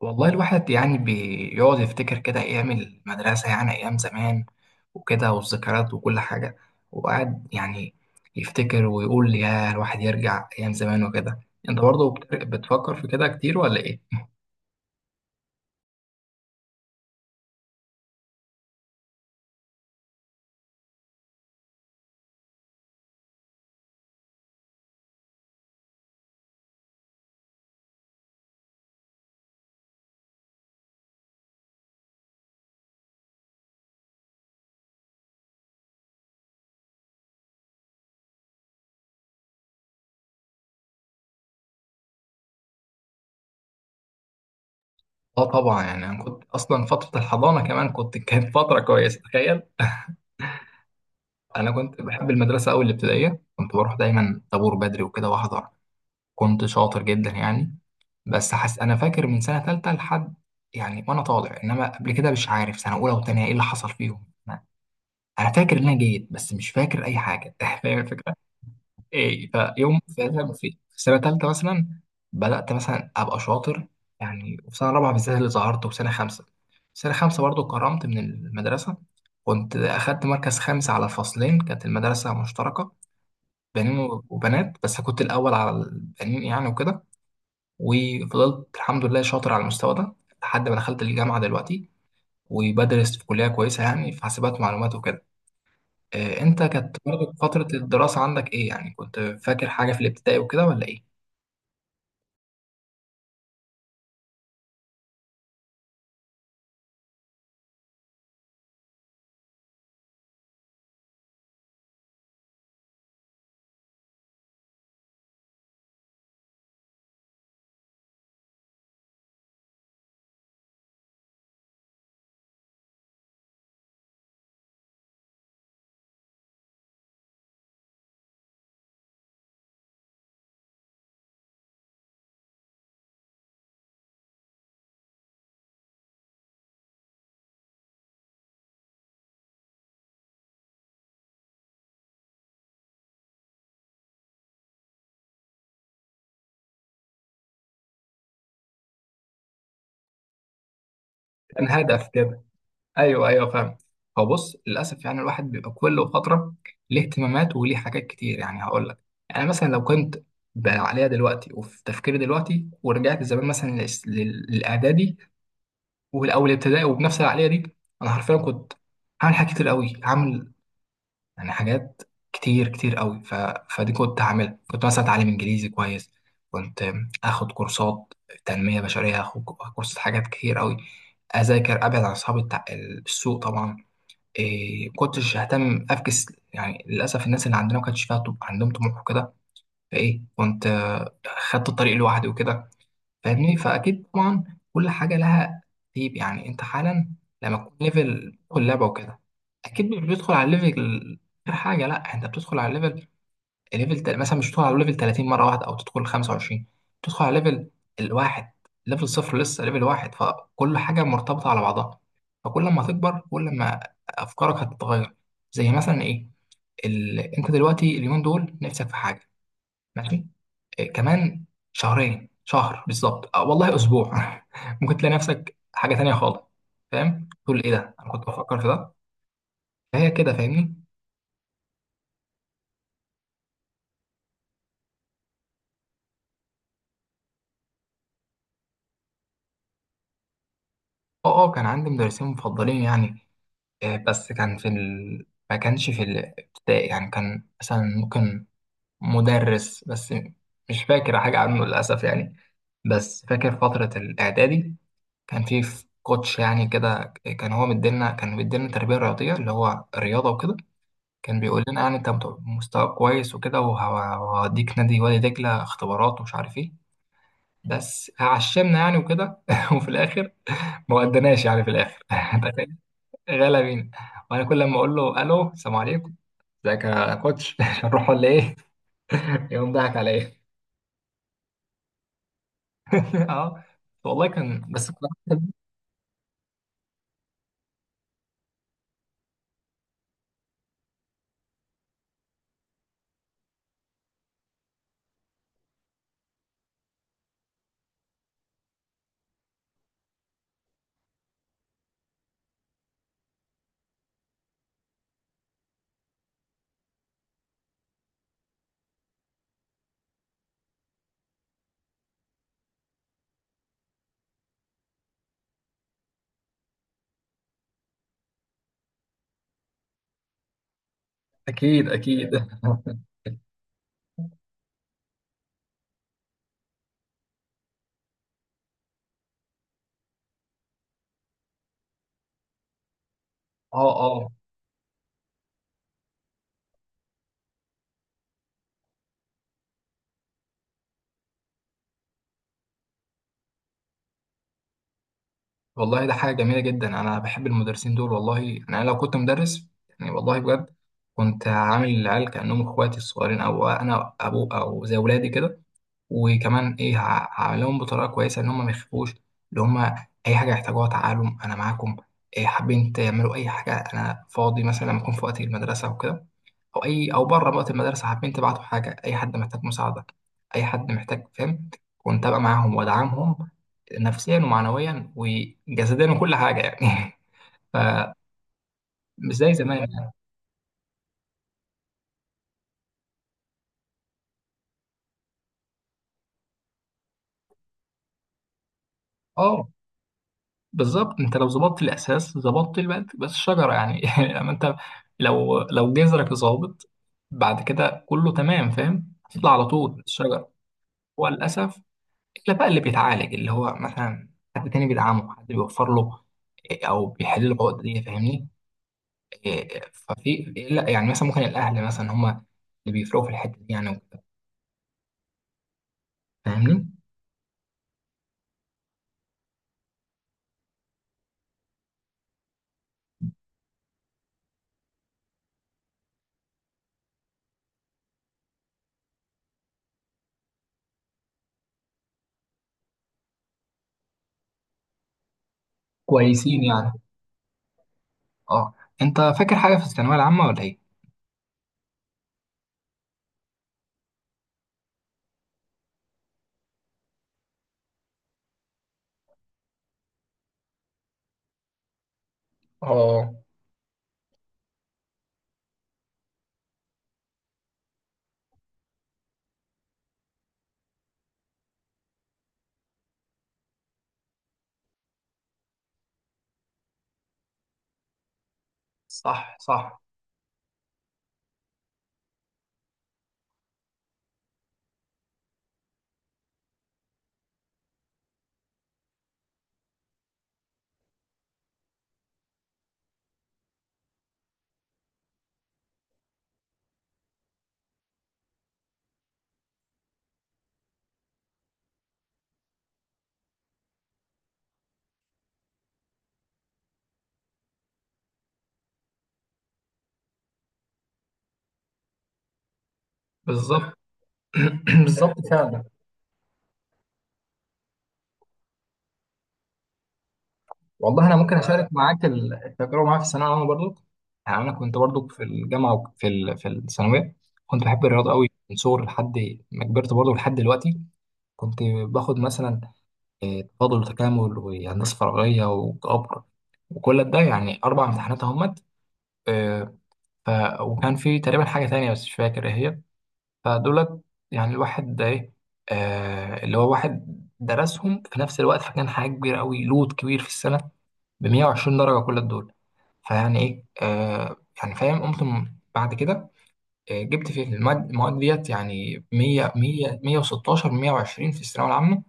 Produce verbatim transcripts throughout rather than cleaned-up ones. والله الواحد يعني بيقعد يفتكر كده أيام المدرسة، يعني أيام زمان وكده، والذكريات وكل حاجة، وقعد يعني يفتكر ويقول يا الواحد يرجع أيام زمان وكده. أنت برضه بت- بتفكر في كده كتير ولا إيه؟ آه طبعا، يعني أنا كنت أصلا فترة الحضانة كمان كنت كانت فترة كويسة، تخيل. أنا كنت بحب المدرسة أوي، الابتدائية كنت بروح دايما طابور بدري وكده وأحضر، كنت شاطر جدا يعني. بس حس انا فاكر من سنه ثالثه لحد، يعني وانا طالع، انما قبل كده مش عارف سنه اولى وثانيه ايه اللي حصل فيهم. انا أنا فاكر ان انا جيد بس مش فاكر اي حاجه فاهم الفكره. ايه؟ فيوم في في سنه ثالثه مثلا بدات مثلا ابقى شاطر يعني، وفي سنه رابعه بالذات اللي ظهرت، وفي سنه خمسه في سنه خمسه برضو اتكرمت من المدرسه، كنت اخدت مركز خامس على فصلين. كانت المدرسه مشتركه بنين وبنات، بس كنت الاول على البنين يعني وكده، وفضلت الحمد لله شاطر على المستوى ده لحد ما دخلت الجامعة دلوقتي، وبدرس في كلية كويسة يعني في حاسبات ومعلومات وكده. آه، انت كانت برضه فترة الدراسة عندك ايه؟ يعني كنت فاكر حاجة في الابتدائي وكده ولا ايه؟ كان هدف كده. ايوه ايوه فاهم. هو بص للأسف يعني الواحد بيبقى كل فترة ليه اهتمامات وليه حاجات كتير. يعني هقول لك، يعني مثلا لو كنت بقى عليها دلوقتي وفي تفكيري دلوقتي، ورجعت زمان مثلا للإس- لل- للإعدادي والاول ابتدائي وبنفس العقليه دي، انا حرفيا كنت هعمل حاجات كتير قوي، هعمل يعني حاجات كتير كتير قوي. ف... فدي كنت هعملها، كنت مثلا اتعلم انجليزي كويس، كنت اخد كورسات تنميه بشريه، اخد كورسات، حاجات كتير قوي، اذاكر، ابعد عن اصحاب التع... السوق طبعا، إيه كنتش اهتم افكس. يعني للاسف الناس اللي عندنا ما كانش فيها طب... عندهم طموح وكده، فايه كنت آه، خدت الطريق لوحدي وكده، فاهمني؟ فاكيد طبعا كل حاجه لها ترتيب يعني. انت حالا لما تكون ليفل تدخل لعبه وكده، اكيد مش بتدخل على الليفل غير حاجه، لا انت بتدخل على الليفل الليفل تل- مثلا مش بتدخل على ليفل ثلاثين مره واحده او تدخل خمسة وعشرين، بتدخل على ليفل الواحد، ليفل صفر، لسه ليفل واحد. فكل حاجه مرتبطه على بعضها، فكل ما هتكبر كل ما افكارك هتتغير. زي مثلا ايه، ال... انت دلوقتي اليومين دول نفسك في حاجه، ماشي، إيه، كمان شهرين، شهر بالظبط، آه، والله اسبوع ممكن تلاقي نفسك حاجه تانية خالص. فاهم تقول ايه ده؟ انا كنت بفكر في ده، فهي كده، فاهمني؟ اه اه كان عندي مدرسين مفضلين يعني، آه، بس كان في ال... ما كانش في الابتدائي يعني، كان مثلا ممكن مدرس بس مش فاكر حاجه عنه للاسف يعني. بس فاكر فتره الاعدادي كان في كوتش يعني كده، كان هو مدينا، كان مدينا تربيه رياضيه اللي هو رياضه وكده. كان بيقول لنا يعني انت مت- مستوى كويس وكده، وه- وهديك نادي وادي دجله اختبارات ومش عارف ايه، بس عشمنا يعني وكده وفي الاخر ما ودناش يعني، في الاخر تخيل، غلا بينا. وانا كل لما اقول له الو السلام عليكم، ازيك يا كوتش هنروح ولا ايه، يقوم ضحك عليا اه والله كان بس. اكيد اكيد اه. اه والله ده حاجة جميلة جدا، أنا بحب المدرسين دول، والله يعني أنا لو كنت مدرس، يعني والله بجد كنت عامل العيال كأنهم إخواتي الصغيرين، أو أنا أبو، أو زي ولادي كده. وكمان إيه، ه- هعملهم بطريقة كويسة إن هم ما يخافوش، اللي هم أي حاجة يحتاجوها تعالوا أنا معاكم، إيه حابين تعملوا أي حاجة، أنا فاضي مثلا لما أكون في وقت المدرسة وكده، او اي او بره بقى المدرسه حابين تبعتوا حاجه، اي حد محتاج مساعده، اي حد محتاج فهم، كنت ابقى معاهم وادعمهم نفسيا ومعنويا وجسديا وكل حاجه يعني فمش زي زمان يعني. اه بالظبط، انت لو ظبطت الاساس ظبطت البلد، بس الشجره يعني لما انت لو لو جذرك ظابط بعد كده كله تمام، فاهم؟ تطلع على طول الشجره. هو للاسف الا بقى اللي بيتعالج اللي هو مثلا حد تاني بيدعمه، حد بيوفر له، او بيحل له العقده دي، فاهمني؟ إيه، ففي، لا يعني مثلا ممكن الاهل مثلا هم اللي بيفرقوا في الحته دي يعني وكده. فاهمني؟ كويسين يعني. اه انت فاكر حاجه في الثانويه العامه ولا ايه؟ اه صح صح بالظبط بالظبط فعلا. والله انا ممكن اشارك معاك ال- التجربه معايا في الثانويه العامه برضو. يعني انا كنت برضو في الجامعه وفي ال... في الثانويه كنت بحب الرياضه قوي من صغري لحد ما كبرت برضو لحد دلوقتي. كنت باخد مثلا، آه، تفاضل وتكامل وهندسة فراغية وجبر، وكل ده يعني أربع امتحانات أهمت، آه، ف... وكان في تقريبا حاجة تانية بس مش فاكر إيه هي. فدولت يعني الواحد ده إيه، آه، اللي هو واحد درسهم في نفس الوقت، فكان حاجة كبيرة أوي، لود كبير في السنة، ب مية وعشرين درجة كل دول، فيعني إيه، آه، يعني فاهم. قمت م- بعد كده آه، جبت في المواد المواد ديت يعني مية مية مية وستاشر مية وعشرين في الثانوية العامة.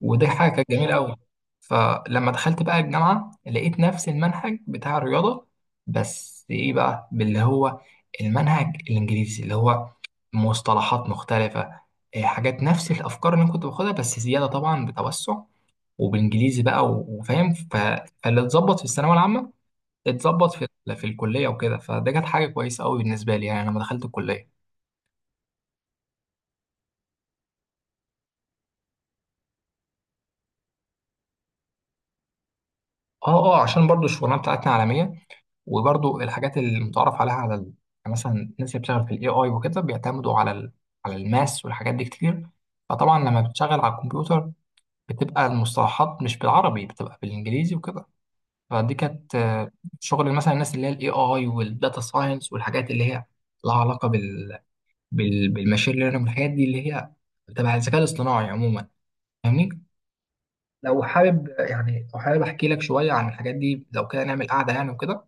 ودي حاجة كانت جميلة أوي. فلما دخلت بقى الجامعة لقيت نفس المنهج بتاع الرياضة، بس إيه بقى، باللي هو المنهج الإنجليزي، اللي هو مصطلحات مختلفة، إيه، حاجات نفس الأفكار اللي أنا كنت باخدها بس زيادة طبعا، بتوسع وبالإنجليزي بقى، و- وفاهم ف- فاللي اتظبط في الثانوية العامة اتظبط في في الكلية وكده. فده كانت حاجة كويسة أوي بالنسبة لي يعني لما دخلت الكلية. اه اه عشان برضو الشغلانة بتاعتنا عالمية، وبرضو الحاجات المتعارف عليها على ال- يعني مثلا الناس اللي بتشتغل في الاي اي وكده بيعتمدوا على ال... على الماس والحاجات دي كتير، فطبعا لما بتشتغل على الكمبيوتر بتبقى المصطلحات مش بالعربي، بتبقى بالانجليزي وكده، فدي كانت آه، شغل مثلا الناس اللي هي الاي اي والداتا ساينس والحاجات اللي هي لها علاقه بال... بال... بالماشين ليرنينج، والحاجات دي اللي هي تبع الذكاء الاصطناعي عموما، فاهمني؟ لو حابب يعني، لو حابب احكي لك شويه عن الحاجات دي، لو كده نعمل قعده يعني وكده،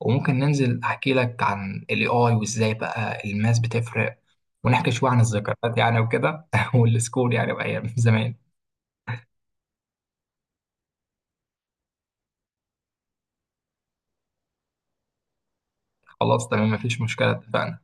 وممكن ننزل احكي لك عن الاي اي وازاي بقى الماس بتفرق، ونحكي شويه عن الذكريات يعني وكده والسكول يعني وايام زمان. خلاص تمام مفيش مشكله، اتفقنا.